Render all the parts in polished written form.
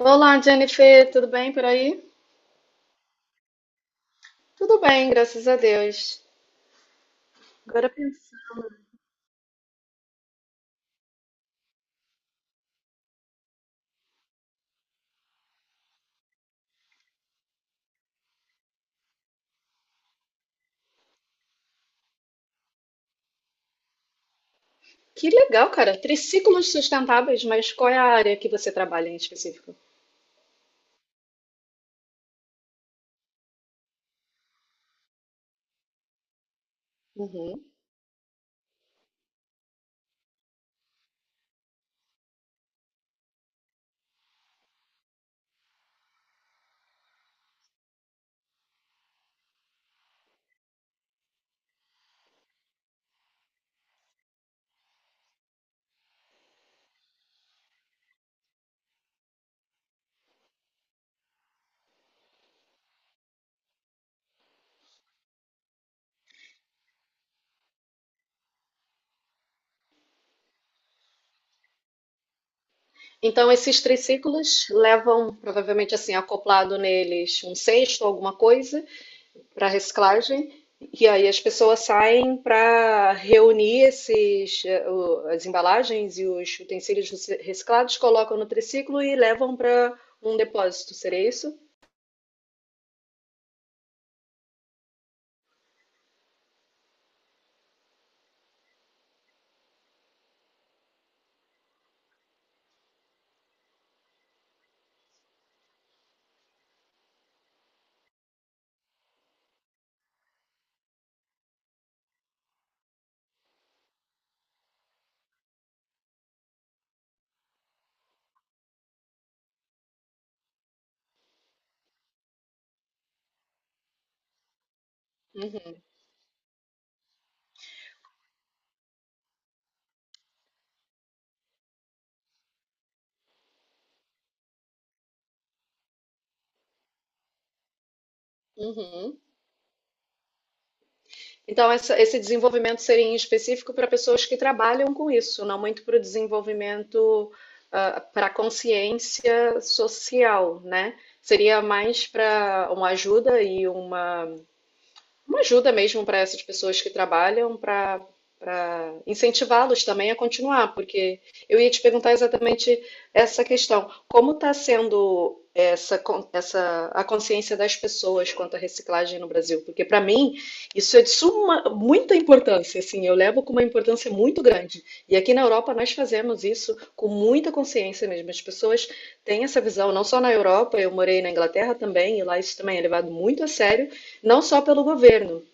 Olá, Jennifer, tudo bem por aí? Tudo bem, graças a Deus. Agora pensa. Que legal, cara. Triciclos sustentáveis, mas qual é a área que você trabalha em específico? Uhum. Então, esses triciclos levam, provavelmente assim, acoplado neles um cesto, alguma coisa, para reciclagem. E aí as pessoas saem para reunir esses, as embalagens e os utensílios reciclados, colocam no triciclo e levam para um depósito. Seria isso? Uhum. Então, esse desenvolvimento seria em específico para pessoas que trabalham com isso, não muito para o desenvolvimento, ah, para a consciência social, né? Seria mais para uma ajuda e uma ajuda mesmo para essas pessoas que trabalham, para incentivá-los também a continuar, porque eu ia te perguntar exatamente essa questão. Como está sendo essa, essa a consciência das pessoas quanto à reciclagem no Brasil? Porque para mim isso é de suma, muita importância, assim, eu levo com uma importância muito grande. E aqui na Europa nós fazemos isso com muita consciência mesmo. As pessoas têm essa visão, não só na Europa, eu morei na Inglaterra também, e lá isso também é levado muito a sério. Não só pelo governo,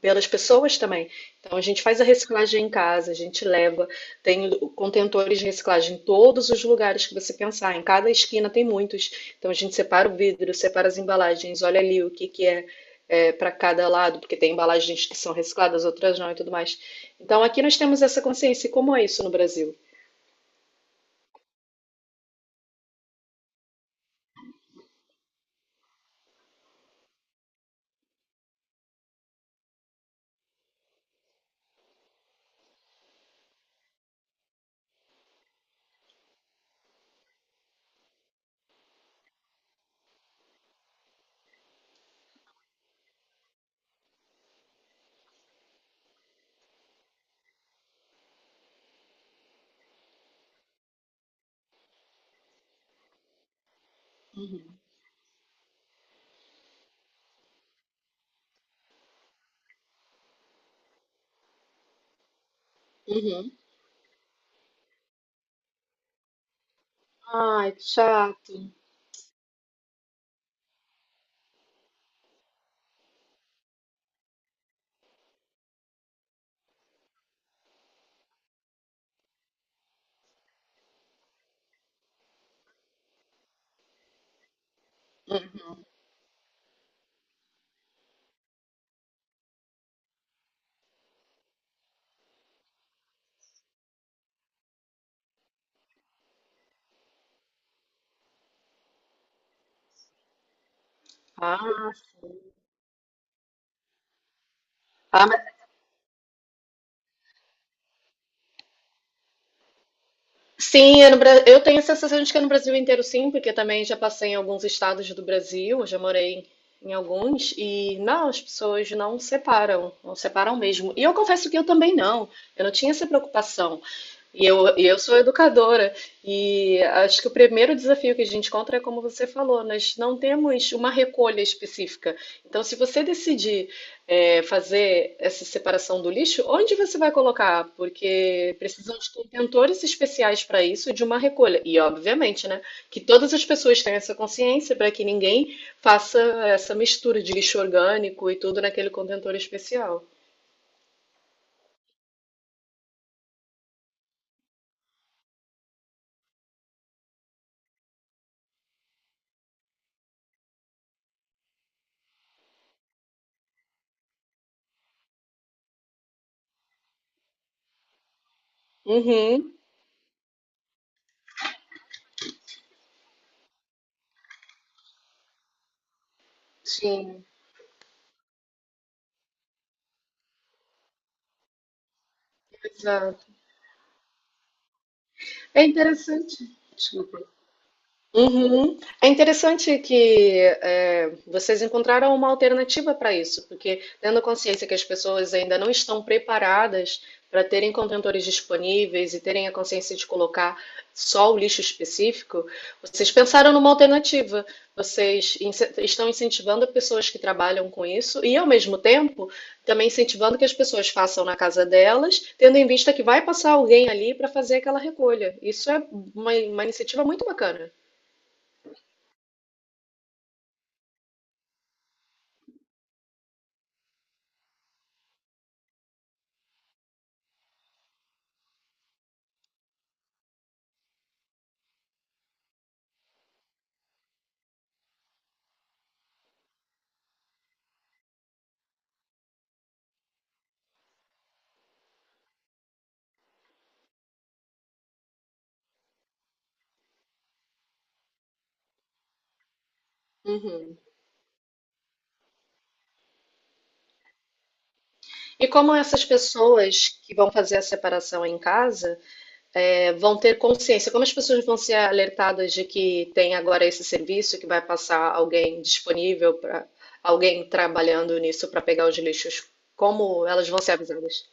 pelas pessoas também. Então a gente faz a reciclagem em casa, a gente leva, tem contentores de reciclagem em todos os lugares que você pensar, em cada esquina tem muitos. Então a gente separa o vidro, separa as embalagens, olha ali o que que é, é, para cada lado, porque tem embalagens que são recicladas, outras não e tudo mais. Então aqui nós temos essa consciência. E como é isso no Brasil? Uhum. Uhum. Ai, que chato. Ah, sim, é no eu tenho a sensação de que é no Brasil inteiro, sim, porque também já passei em alguns estados do Brasil, eu já morei em alguns, e não, as pessoas não separam, não separam mesmo. E eu confesso que eu também não, eu não tinha essa preocupação. E eu sou educadora, e acho que o primeiro desafio que a gente encontra é como você falou, nós não temos uma recolha específica. Então, se você decidir fazer essa separação do lixo, onde você vai colocar? Porque precisam de contentores especiais para isso e de uma recolha. E, obviamente, né, que todas as pessoas tenham essa consciência para que ninguém faça essa mistura de lixo orgânico e tudo naquele contentor especial. Uhum, sim. É interessante. Desculpa. Uhum. É interessante que vocês encontraram uma alternativa para isso, porque tendo consciência que as pessoas ainda não estão preparadas para terem contentores disponíveis e terem a consciência de colocar só o lixo específico, vocês pensaram numa alternativa. Estão incentivando pessoas que trabalham com isso e, ao mesmo tempo, também incentivando que as pessoas façam na casa delas, tendo em vista que vai passar alguém ali para fazer aquela recolha. Isso é uma iniciativa muito bacana. Uhum. E como essas pessoas que vão fazer a separação em casa, vão ter consciência? Como as pessoas vão ser alertadas de que tem agora esse serviço que vai passar alguém disponível para alguém trabalhando nisso para pegar os lixos? Como elas vão ser avisadas?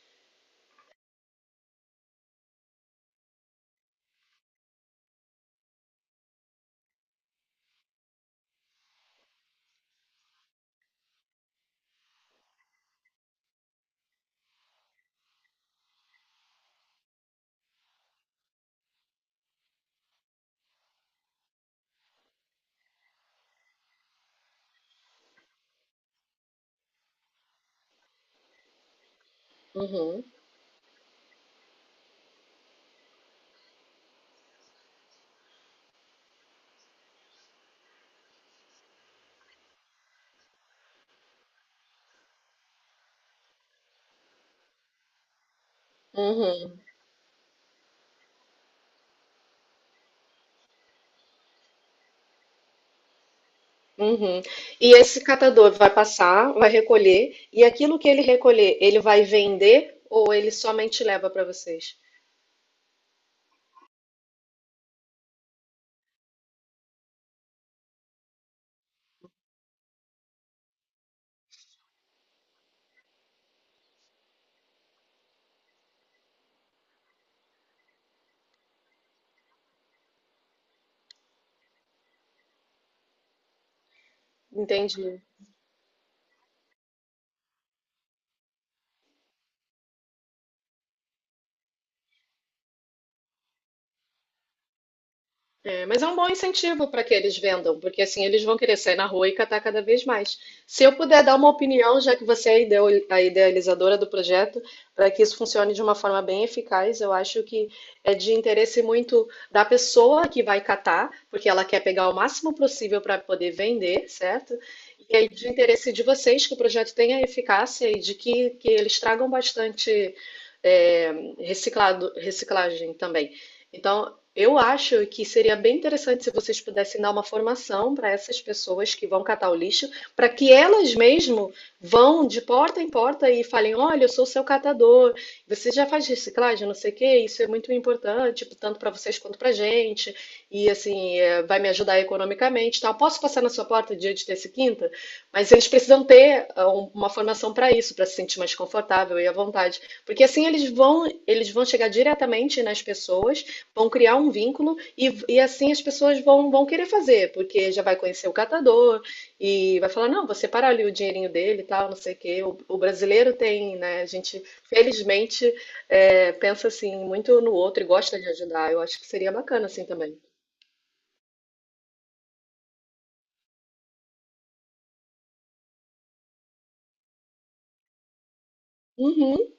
Uhum, uhum, uhum. E esse catador vai passar, vai recolher, e aquilo que ele recolher, ele vai vender ou ele somente leva para vocês? Entendi. É, mas é um bom incentivo para que eles vendam, porque assim eles vão querer sair na rua e catar cada vez mais. Se eu puder dar uma opinião, já que você é a a idealizadora do projeto, para que isso funcione de uma forma bem eficaz, eu acho que é de interesse muito da pessoa que vai catar, porque ela quer pegar o máximo possível para poder vender, certo? E é de interesse de vocês que o projeto tenha eficácia e de que eles tragam bastante é, reciclado, reciclagem também. Então, eu acho que seria bem interessante se vocês pudessem dar uma formação para essas pessoas que vão catar o lixo, para que elas mesmo vão de porta em porta e falem: olha, eu sou seu catador, você já faz reciclagem, não sei o quê, isso é muito importante, tanto para vocês quanto para a gente, e assim, é, vai me ajudar economicamente, e tal. Posso passar na sua porta dia de terça e quinta? Mas eles precisam ter ah, uma formação para isso, para se sentir mais confortável e à vontade, porque assim eles vão chegar diretamente nas pessoas, vão criar um vínculo e assim as pessoas vão querer fazer, porque já vai conhecer o catador e vai falar, não, vou separar ali o dinheirinho dele e tal, não sei o quê. O brasileiro tem, né? A gente, felizmente, é, pensa assim muito no outro e gosta de ajudar. Eu acho que seria bacana assim também. Uhum.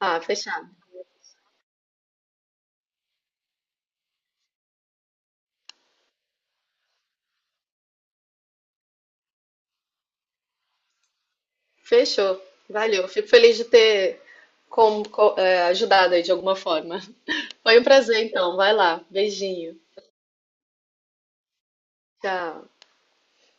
Ah, fechado. Fechou. Valeu. Fico feliz de ter é, ajudado aí de alguma forma. Foi um prazer, então. Vai lá. Beijinho. Tchau.